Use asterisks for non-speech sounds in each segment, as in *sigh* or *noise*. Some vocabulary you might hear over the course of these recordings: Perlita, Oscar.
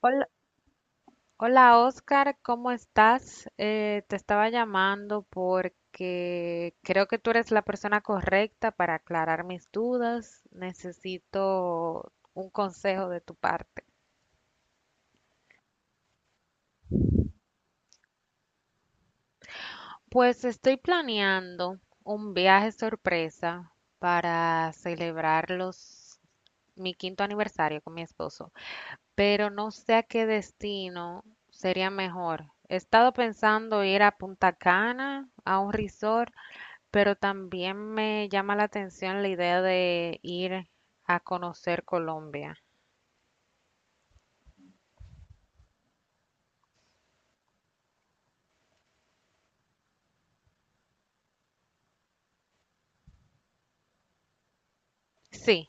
Hola, hola, Oscar, ¿cómo estás? Te estaba llamando porque creo que tú eres la persona correcta para aclarar mis dudas. Necesito un consejo de tu parte. Pues estoy planeando un viaje sorpresa para celebrar mi quinto aniversario con mi esposo, pero no sé a qué destino sería mejor. He estado pensando ir a Punta Cana, a un resort. Pero también me llama la atención la idea de ir a conocer Colombia. Sí,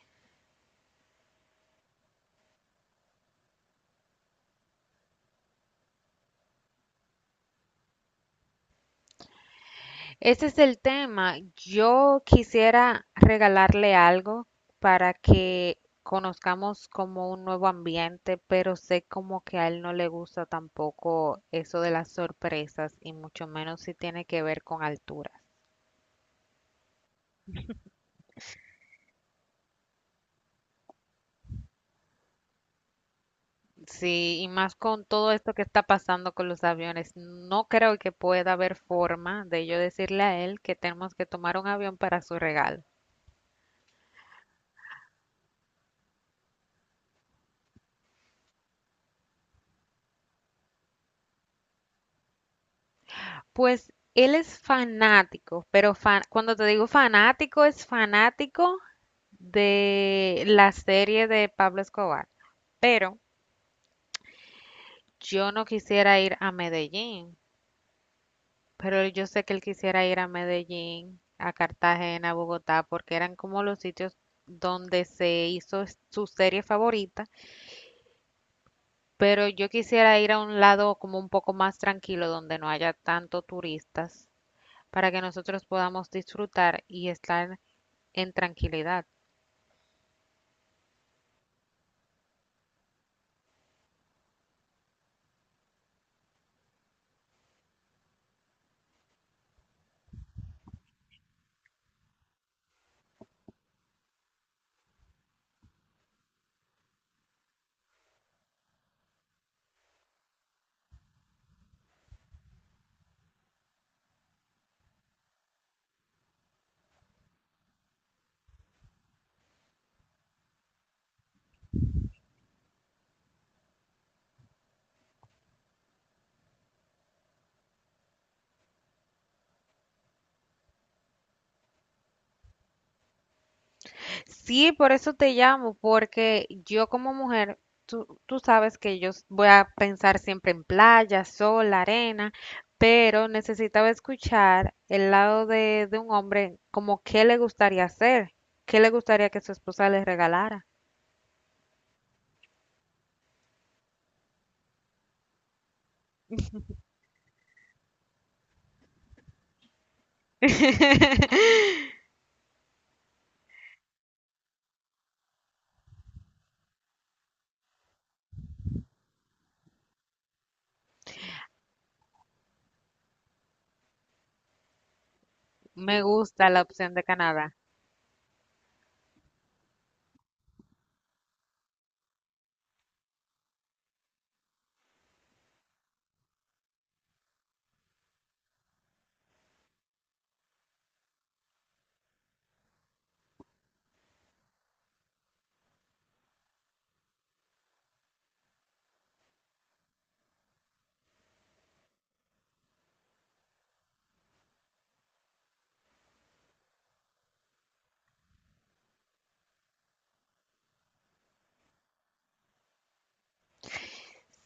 ese es el tema. Yo quisiera regalarle algo para que conozcamos como un nuevo ambiente, pero sé como que a él no le gusta tampoco eso de las sorpresas y mucho menos si tiene que ver con alturas. Sí, y más con todo esto que está pasando con los aviones, no creo que pueda haber forma de yo decirle a él que tenemos que tomar un avión para su regalo. Pues él es fanático, pero cuando te digo fanático, es fanático de la serie de Pablo Escobar. Pero yo no quisiera ir a Medellín, pero yo sé que él quisiera ir a Medellín, a Cartagena, a Bogotá, porque eran como los sitios donde se hizo su serie favorita. Pero yo quisiera ir a un lado como un poco más tranquilo, donde no haya tanto turistas, para que nosotros podamos disfrutar y estar en tranquilidad. Sí, por eso te llamo, porque yo como mujer, tú sabes que yo voy a pensar siempre en playa, sol, arena, pero necesitaba escuchar el lado de un hombre, como qué le gustaría hacer, qué le gustaría que su esposa le regalara. *laughs* Me gusta la opción de Canadá.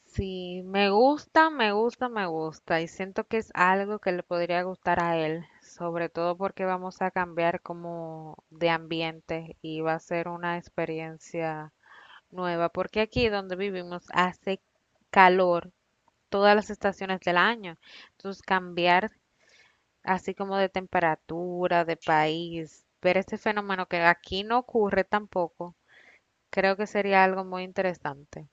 Sí, me gusta, me gusta, me gusta y siento que es algo que le podría gustar a él, sobre todo porque vamos a cambiar como de ambiente y va a ser una experiencia nueva, porque aquí donde vivimos hace calor todas las estaciones del año, entonces cambiar así como de temperatura, de país, ver este fenómeno que aquí no ocurre tampoco, creo que sería algo muy interesante.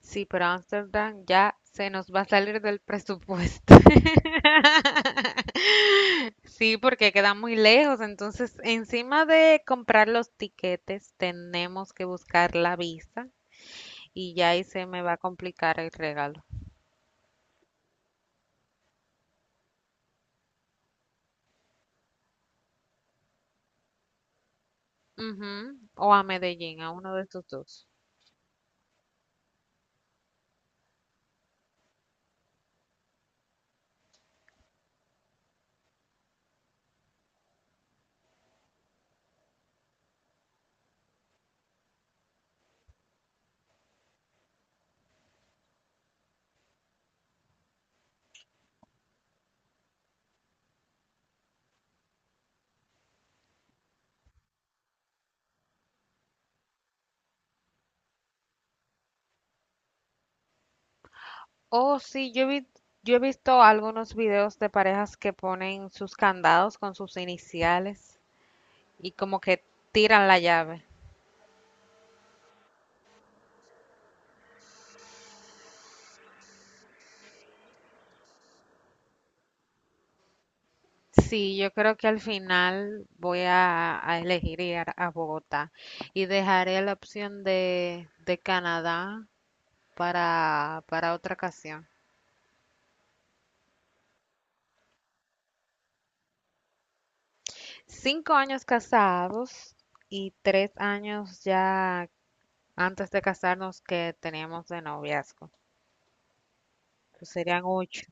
Sí, pero Ámsterdam ya se nos va a salir del presupuesto. *laughs* Sí, porque queda muy lejos. Entonces, encima de comprar los tiquetes, tenemos que buscar la visa y ya ahí se me va a complicar el regalo. Ujú. O a Medellín, a uno de estos dos. Oh, sí, yo he visto algunos videos de parejas que ponen sus candados con sus iniciales y como que tiran la llave. Sí, yo creo que al final voy a elegir ir a Bogotá y dejaré la opción de Canadá para otra ocasión. 5 años casados y 3 años ya antes de casarnos que teníamos de noviazgo. Pues serían ocho.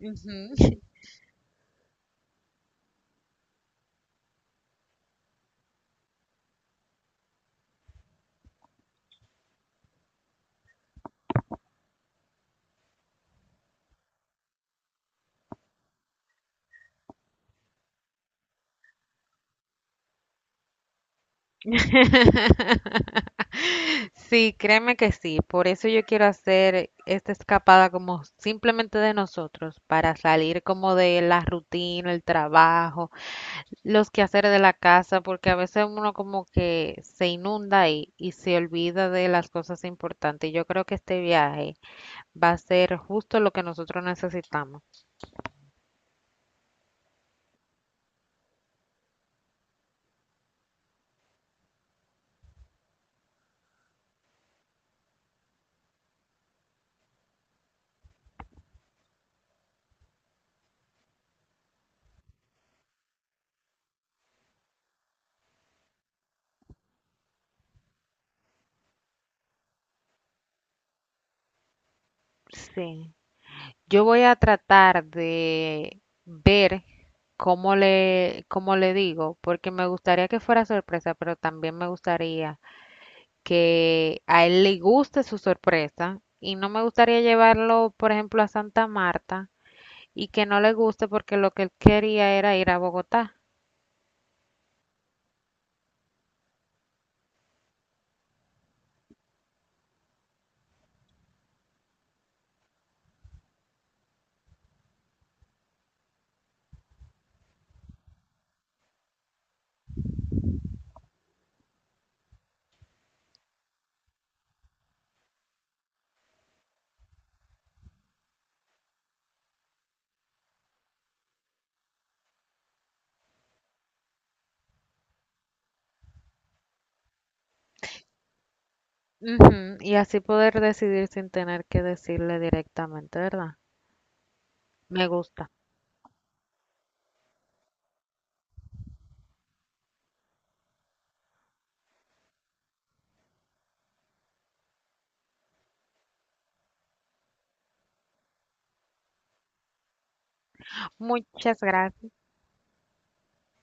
Ujú. *laughs* Sí, créeme que sí. Por eso yo quiero hacer esta escapada como simplemente de nosotros, para salir como de la rutina, el trabajo, los quehaceres de la casa, porque a veces uno como que se inunda y se olvida de las cosas importantes. Yo creo que este viaje va a ser justo lo que nosotros necesitamos. Sí. Yo voy a tratar de ver cómo le digo, porque me gustaría que fuera sorpresa, pero también me gustaría que a él le guste su sorpresa y no me gustaría llevarlo, por ejemplo, a Santa Marta y que no le guste porque lo que él quería era ir a Bogotá. Ujú. Y así poder decidir sin tener que decirle directamente, ¿verdad? Me gusta. Muchas gracias.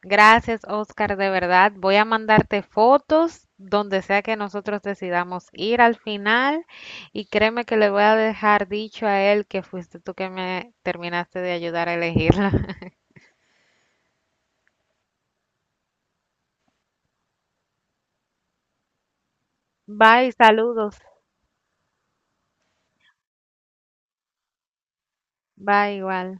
Gracias, Oscar, de verdad. Voy a mandarte fotos donde sea que nosotros decidamos ir al final y créeme que le voy a dejar dicho a él que fuiste tú que me terminaste de ayudar a elegirla. Bye, saludos. Bye, igual.